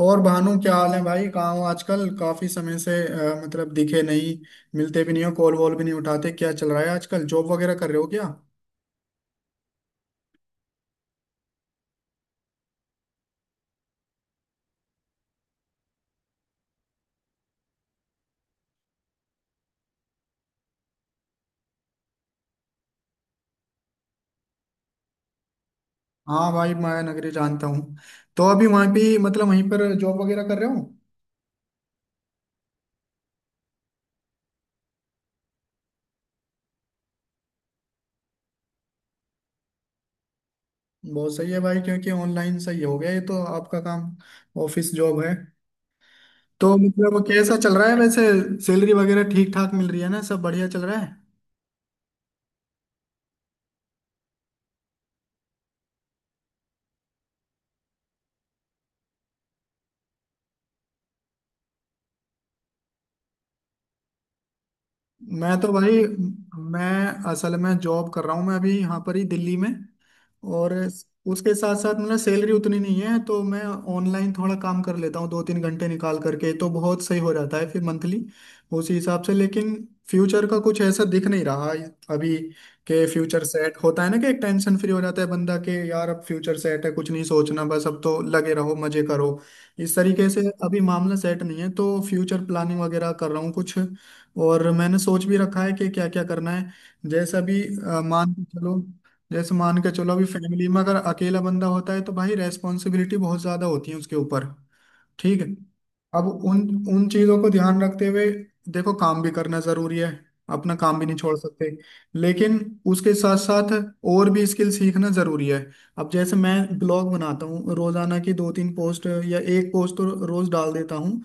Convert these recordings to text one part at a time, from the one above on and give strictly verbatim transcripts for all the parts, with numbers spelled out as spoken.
और भानु क्या हाल है भाई? कहाँ हो आजकल? काफी समय से अ, मतलब दिखे नहीं, मिलते भी नहीं हो, कॉल वॉल भी नहीं उठाते। क्या चल रहा है आजकल? जॉब वगैरह कर रहे हो क्या? हाँ भाई, माया नगरी जानता हूँ। तो अभी वहाँ भी मतलब वहीं पर जॉब वगैरह कर रहे हो? बहुत सही है भाई, क्योंकि ऑनलाइन सही हो गया ये तो आपका काम। ऑफिस जॉब है? तो मतलब कैसा चल रहा है वैसे? सैलरी वगैरह ठीक ठाक मिल रही है ना? सब बढ़िया चल रहा है? मैं तो भाई, मैं असल में जॉब कर रहा हूँ, मैं अभी यहाँ पर ही दिल्ली में। और उसके साथ साथ मतलब सैलरी उतनी नहीं है तो मैं ऑनलाइन थोड़ा काम कर लेता हूँ, दो तीन घंटे निकाल करके, तो बहुत सही हो जाता है फिर मंथली उसी हिसाब से। लेकिन फ्यूचर का कुछ ऐसा दिख नहीं रहा अभी। के फ्यूचर सेट होता है ना कि एक टेंशन फ्री हो जाता है बंदा, के यार अब फ्यूचर सेट है, कुछ नहीं सोचना, बस अब तो लगे रहो मजे करो। इस तरीके से अभी मामला सेट नहीं है, तो फ्यूचर प्लानिंग वगैरह कर रहा हूँ कुछ। और मैंने सोच भी रखा है कि क्या क्या करना है। जैसे अभी अ, मान के चलो, जैसे मान के चलो अभी फैमिली में अगर अकेला बंदा होता है तो भाई रेस्पॉन्सिबिलिटी बहुत ज्यादा होती है उसके ऊपर। ठीक है। अब उन उन चीजों को ध्यान रखते हुए, देखो काम भी करना जरूरी है, अपना काम भी नहीं छोड़ सकते, लेकिन उसके साथ साथ और भी स्किल सीखना जरूरी है। अब जैसे मैं ब्लॉग बनाता हूँ, रोजाना की दो तीन पोस्ट या एक पोस्ट तो रोज डाल देता हूँ।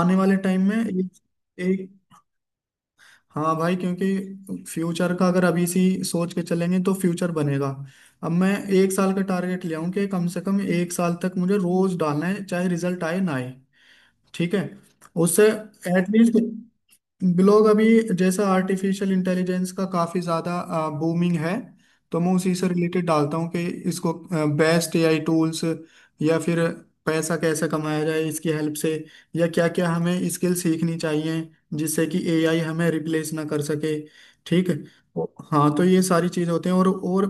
आने वाले टाइम में एक एक हाँ भाई, क्योंकि फ्यूचर का अगर अभी से ही सोच के चलेंगे तो फ्यूचर बनेगा। अब मैं एक साल का टारगेट ले आऊं कि कम से कम एक साल तक मुझे रोज डालना है, चाहे रिजल्ट आए ना आए। ठीक है? उससे एटलीस्ट ब्लॉग अभी, जैसा आर्टिफिशियल इंटेलिजेंस का काफ़ी ज़्यादा बूमिंग है, तो मैं उसी से रिलेटेड डालता हूँ कि इसको बेस्ट एआई टूल्स, या फिर पैसा कैसे कमाया जाए इसकी हेल्प से, या क्या क्या हमें स्किल सीखनी चाहिए जिससे कि एआई हमें रिप्लेस ना कर सके। ठीक है, तो- हाँ तो ये सारी चीज़ होते हैं। और और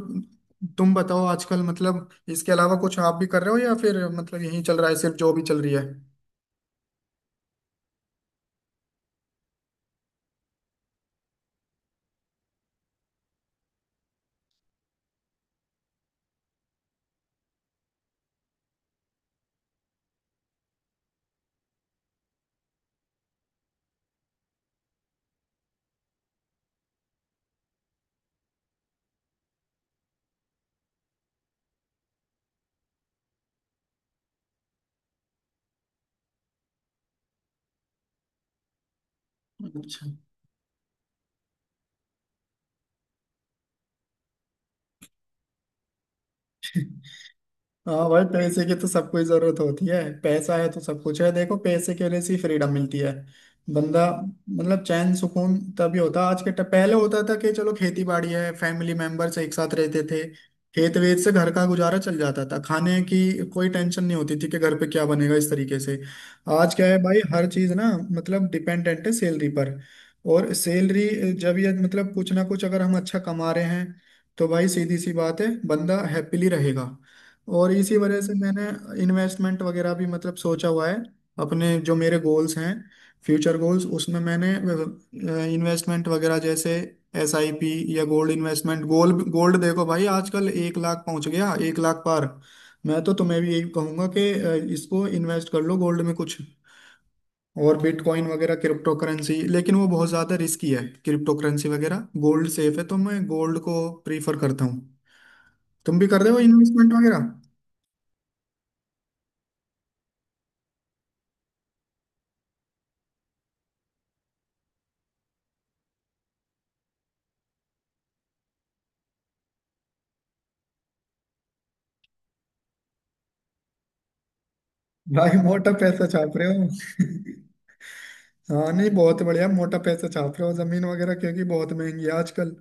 तुम बताओ आजकल, मतलब इसके अलावा कुछ आप भी कर रहे हो या फिर मतलब यही चल रहा है सिर्फ जो भी चल रही है। अच्छा। हाँ भाई, पैसे की तो सबको ही जरूरत होती है। पैसा है तो सब कुछ है। देखो पैसे के वजह से फ्रीडम मिलती है बंदा मतलब चैन सुकून तभी होता। आज के ट- पहले होता था कि चलो खेती बाड़ी है, फैमिली मेंबर्स एक साथ रहते थे, खेत वेत से घर का गुजारा चल जाता था, खाने की कोई टेंशन नहीं होती थी कि घर पे क्या बनेगा इस तरीके से। आज क्या है भाई, हर चीज ना मतलब डिपेंडेंट है सैलरी पर। और सैलरी जब ये मतलब कुछ ना कुछ अगर हम अच्छा कमा रहे हैं तो भाई सीधी सी बात है, बंदा हैप्पीली रहेगा। और इसी वजह से मैंने इन्वेस्टमेंट वगैरह भी मतलब सोचा हुआ है। अपने जो मेरे गोल्स हैं, फ्यूचर गोल्स, उसमें मैंने इन्वेस्टमेंट वगैरह जैसे एस आई पी या गोल्ड इन्वेस्टमेंट। गोल्ड गोल्ड देखो भाई, आजकल एक लाख पहुंच गया, एक लाख पार। मैं तो तुम्हें भी यही कहूंगा कि अ, इसको इन्वेस्ट कर लो गोल्ड में कुछ। और बिटकॉइन वगैरह, क्रिप्टो करेंसी, लेकिन वो बहुत ज़्यादा रिस्की है क्रिप्टो करेंसी वगैरह। गोल्ड सेफ है, तो मैं गोल्ड को प्रीफर करता हूँ। तुम भी कर रहे हो इन्वेस्टमेंट वगैरह? भाई मोटा पैसा छाप रहे हो। हाँ नहीं, बहुत बढ़िया, मोटा पैसा छाप रहे हो। जमीन वगैरह, क्योंकि बहुत महंगी है आजकल,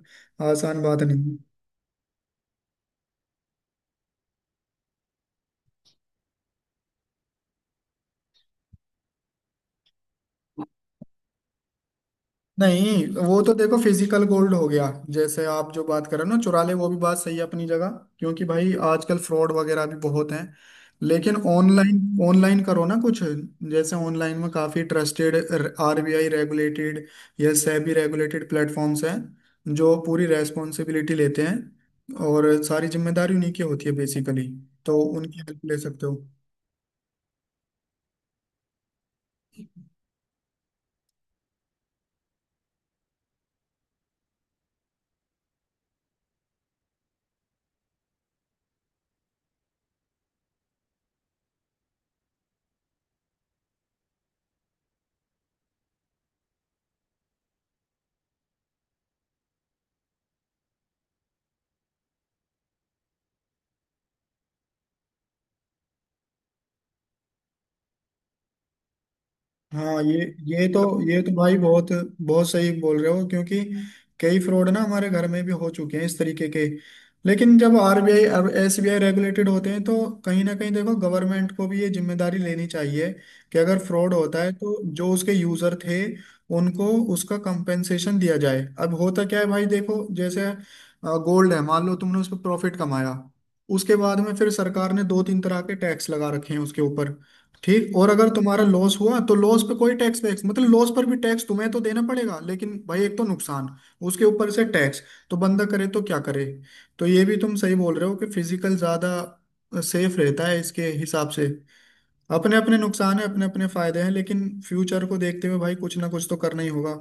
आसान बात नहीं है। नहीं, वो तो देखो फिजिकल गोल्ड हो गया। जैसे आप जो बात कर रहे हो ना, चुरा ले, वो भी बात सही है अपनी जगह, क्योंकि भाई आजकल फ्रॉड वगैरह भी बहुत हैं। लेकिन ऑनलाइन, ऑनलाइन करो ना कुछ। जैसे ऑनलाइन में काफी ट्रस्टेड आरबीआई रेगुलेटेड या सेबी रेगुलेटेड प्लेटफॉर्म्स हैं, जो पूरी रेस्पॉन्सिबिलिटी लेते हैं और सारी जिम्मेदारी उन्हीं की होती है बेसिकली। तो उनकी हेल्प ले सकते हो। हाँ ये ये तो ये तो भाई बहुत बहुत सही बोल रहे हो, क्योंकि कई फ्रॉड ना हमारे घर में भी हो चुके हैं इस तरीके के। लेकिन जब आरबीआई और एसबीआई रेगुलेटेड होते हैं तो कहीं ना कहीं देखो गवर्नमेंट को भी ये जिम्मेदारी लेनी चाहिए कि अगर फ्रॉड होता है तो जो उसके यूजर थे उनको उसका कंपेंसेशन दिया जाए। अब होता क्या है भाई, देखो जैसे गोल्ड है, मान लो तुमने उस पर प्रॉफिट कमाया, उसके बाद में फिर सरकार ने दो तीन तरह के टैक्स लगा रखे हैं उसके ऊपर। ठीक। और अगर तुम्हारा लॉस हुआ तो लॉस पे कोई टैक्स वैक्स मतलब लॉस पर भी टैक्स तुम्हें तो देना पड़ेगा, लेकिन भाई एक तो नुकसान, उसके ऊपर से टैक्स, तो बंदा करे तो क्या करे। तो ये भी तुम सही बोल रहे हो कि फिजिकल ज्यादा सेफ रहता है इसके हिसाब से। अपने अपने नुकसान है, अपने अपने फायदे हैं, लेकिन फ्यूचर को देखते हुए भाई कुछ ना कुछ तो करना ही होगा।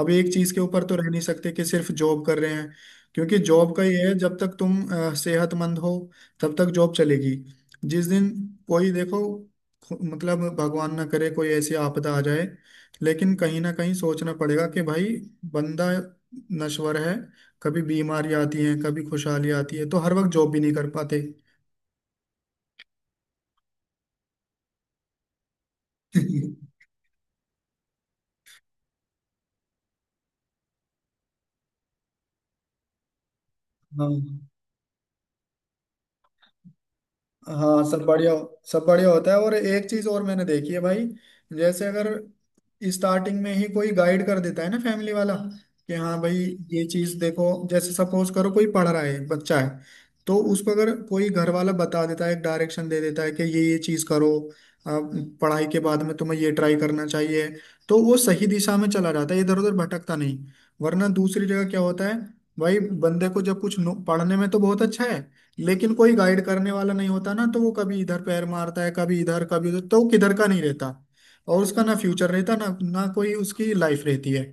अब एक चीज के ऊपर तो रह नहीं सकते कि सिर्फ जॉब कर रहे हैं, क्योंकि जॉब का ये है जब तक तुम अ, सेहतमंद हो तब तक जॉब चलेगी। जिस दिन कोई देखो खु- मतलब भगवान ना करे कोई ऐसी आपदा आ जाए, लेकिन कहीं ना कहीं सोचना पड़ेगा कि भाई बंदा नश्वर है। कभी बीमारी आती है, कभी खुशहाली आती है, तो हर वक्त जॉब भी नहीं कर पाते। हाँ। हाँ सब बढ़िया। सब बढ़िया होता है। और एक चीज और मैंने देखी है भाई, जैसे अगर स्टार्टिंग में ही कोई गाइड कर देता है ना फैमिली वाला कि हाँ भाई ये चीज देखो। जैसे सपोज करो कोई पढ़ रहा है, बच्चा है, तो उसको अगर कोई घर वाला बता देता है, एक डायरेक्शन दे देता है कि ये ये चीज करो आप, पढ़ाई के बाद में तुम्हें ये ट्राई करना चाहिए, तो वो सही दिशा में चला जाता है, इधर उधर भटकता नहीं। वरना दूसरी जगह क्या होता है भाई, बंदे को जब कुछ नो- पढ़ने में तो बहुत अच्छा है लेकिन कोई गाइड करने वाला नहीं होता ना, तो वो कभी इधर पैर मारता है, कभी इधर, कभी उधर, तो वो किधर का नहीं रहता। और उसका ना फ्यूचर रहता ना ना कोई उसकी लाइफ रहती है।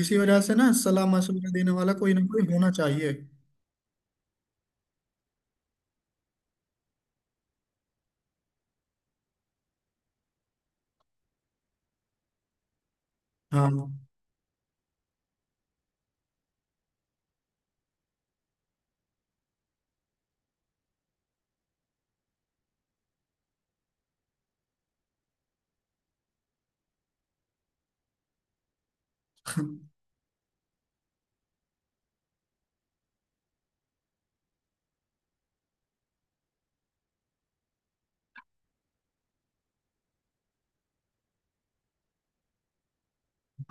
इसी वजह से ना सलाह मशवरा देने वाला कोई ना कोई होना चाहिए। हाँ।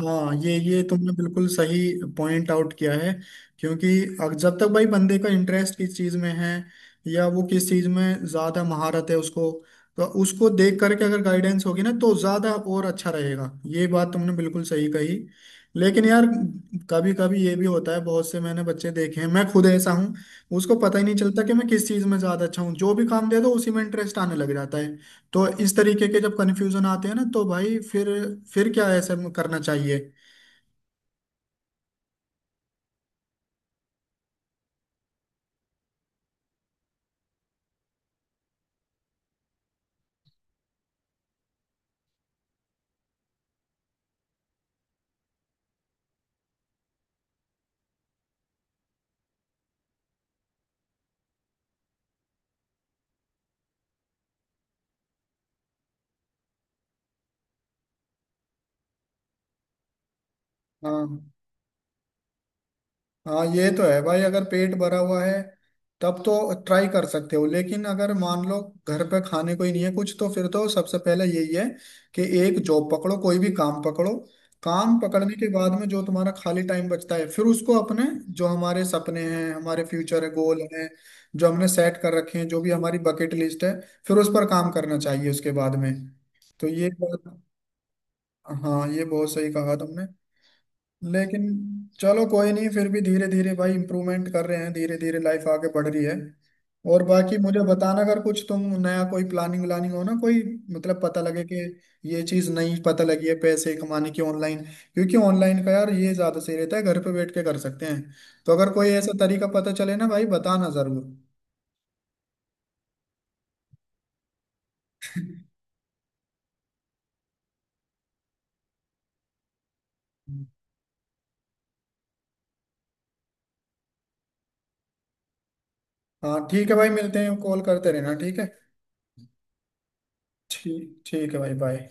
हाँ ये ये तुमने बिल्कुल सही पॉइंट आउट किया है, क्योंकि अग- जब तक भाई बंदे का इंटरेस्ट किस चीज़ में है या वो किस चीज़ में ज़्यादा महारत है उसको, तो उसको देख करके अगर गाइडेंस होगी ना तो ज़्यादा और अच्छा रहेगा। ये बात तुमने बिल्कुल सही कही। लेकिन यार कभी कभी ये भी होता है, बहुत से मैंने बच्चे देखे हैं, मैं खुद ऐसा हूँ, उसको पता ही नहीं चलता कि मैं किस चीज़ में ज़्यादा अच्छा हूँ। जो भी काम दे दो उसी में इंटरेस्ट आने लग जाता है। तो इस तरीके के जब कन्फ्यूजन आते हैं ना तो भाई फिर फिर क्या ऐसा करना चाहिए? हाँ हाँ, ये तो है भाई, अगर पेट भरा हुआ है तब तो ट्राई कर सकते हो, लेकिन अगर मान लो घर पे खाने को ही नहीं है कुछ, तो फिर तो सबसे पहले यही है कि एक जॉब पकड़ो, कोई भी काम पकड़ो। काम पकड़ने के बाद में जो तुम्हारा खाली टाइम बचता है, फिर उसको अपने जो हमारे सपने हैं, हमारे फ्यूचर है, गोल हैं, जो हमने सेट कर रखे हैं, जो भी हमारी बकेट लिस्ट है, फिर उस पर काम करना चाहिए उसके बाद में। तो ये बात, हाँ, ये बहुत सही कहा तुमने। लेकिन चलो कोई नहीं, फिर भी धीरे धीरे भाई इम्प्रूवमेंट कर रहे हैं, धीरे धीरे लाइफ आगे बढ़ रही है। और बाकी मुझे बताना अगर कुछ तुम नया कोई प्लानिंग व्लानिंग हो ना कोई, मतलब पता लगे कि ये चीज नहीं पता लगी है पैसे कमाने की ऑनलाइन, क्योंकि ऑनलाइन का यार ये ज्यादा सही रहता है, घर पे बैठ के कर सकते हैं। तो अगर कोई ऐसा तरीका पता चले ना भाई बताना जरूर। हाँ ठीक है भाई, मिलते हैं, कॉल करते रहना, ठीक है? ठीक ठीक है भाई, बाय।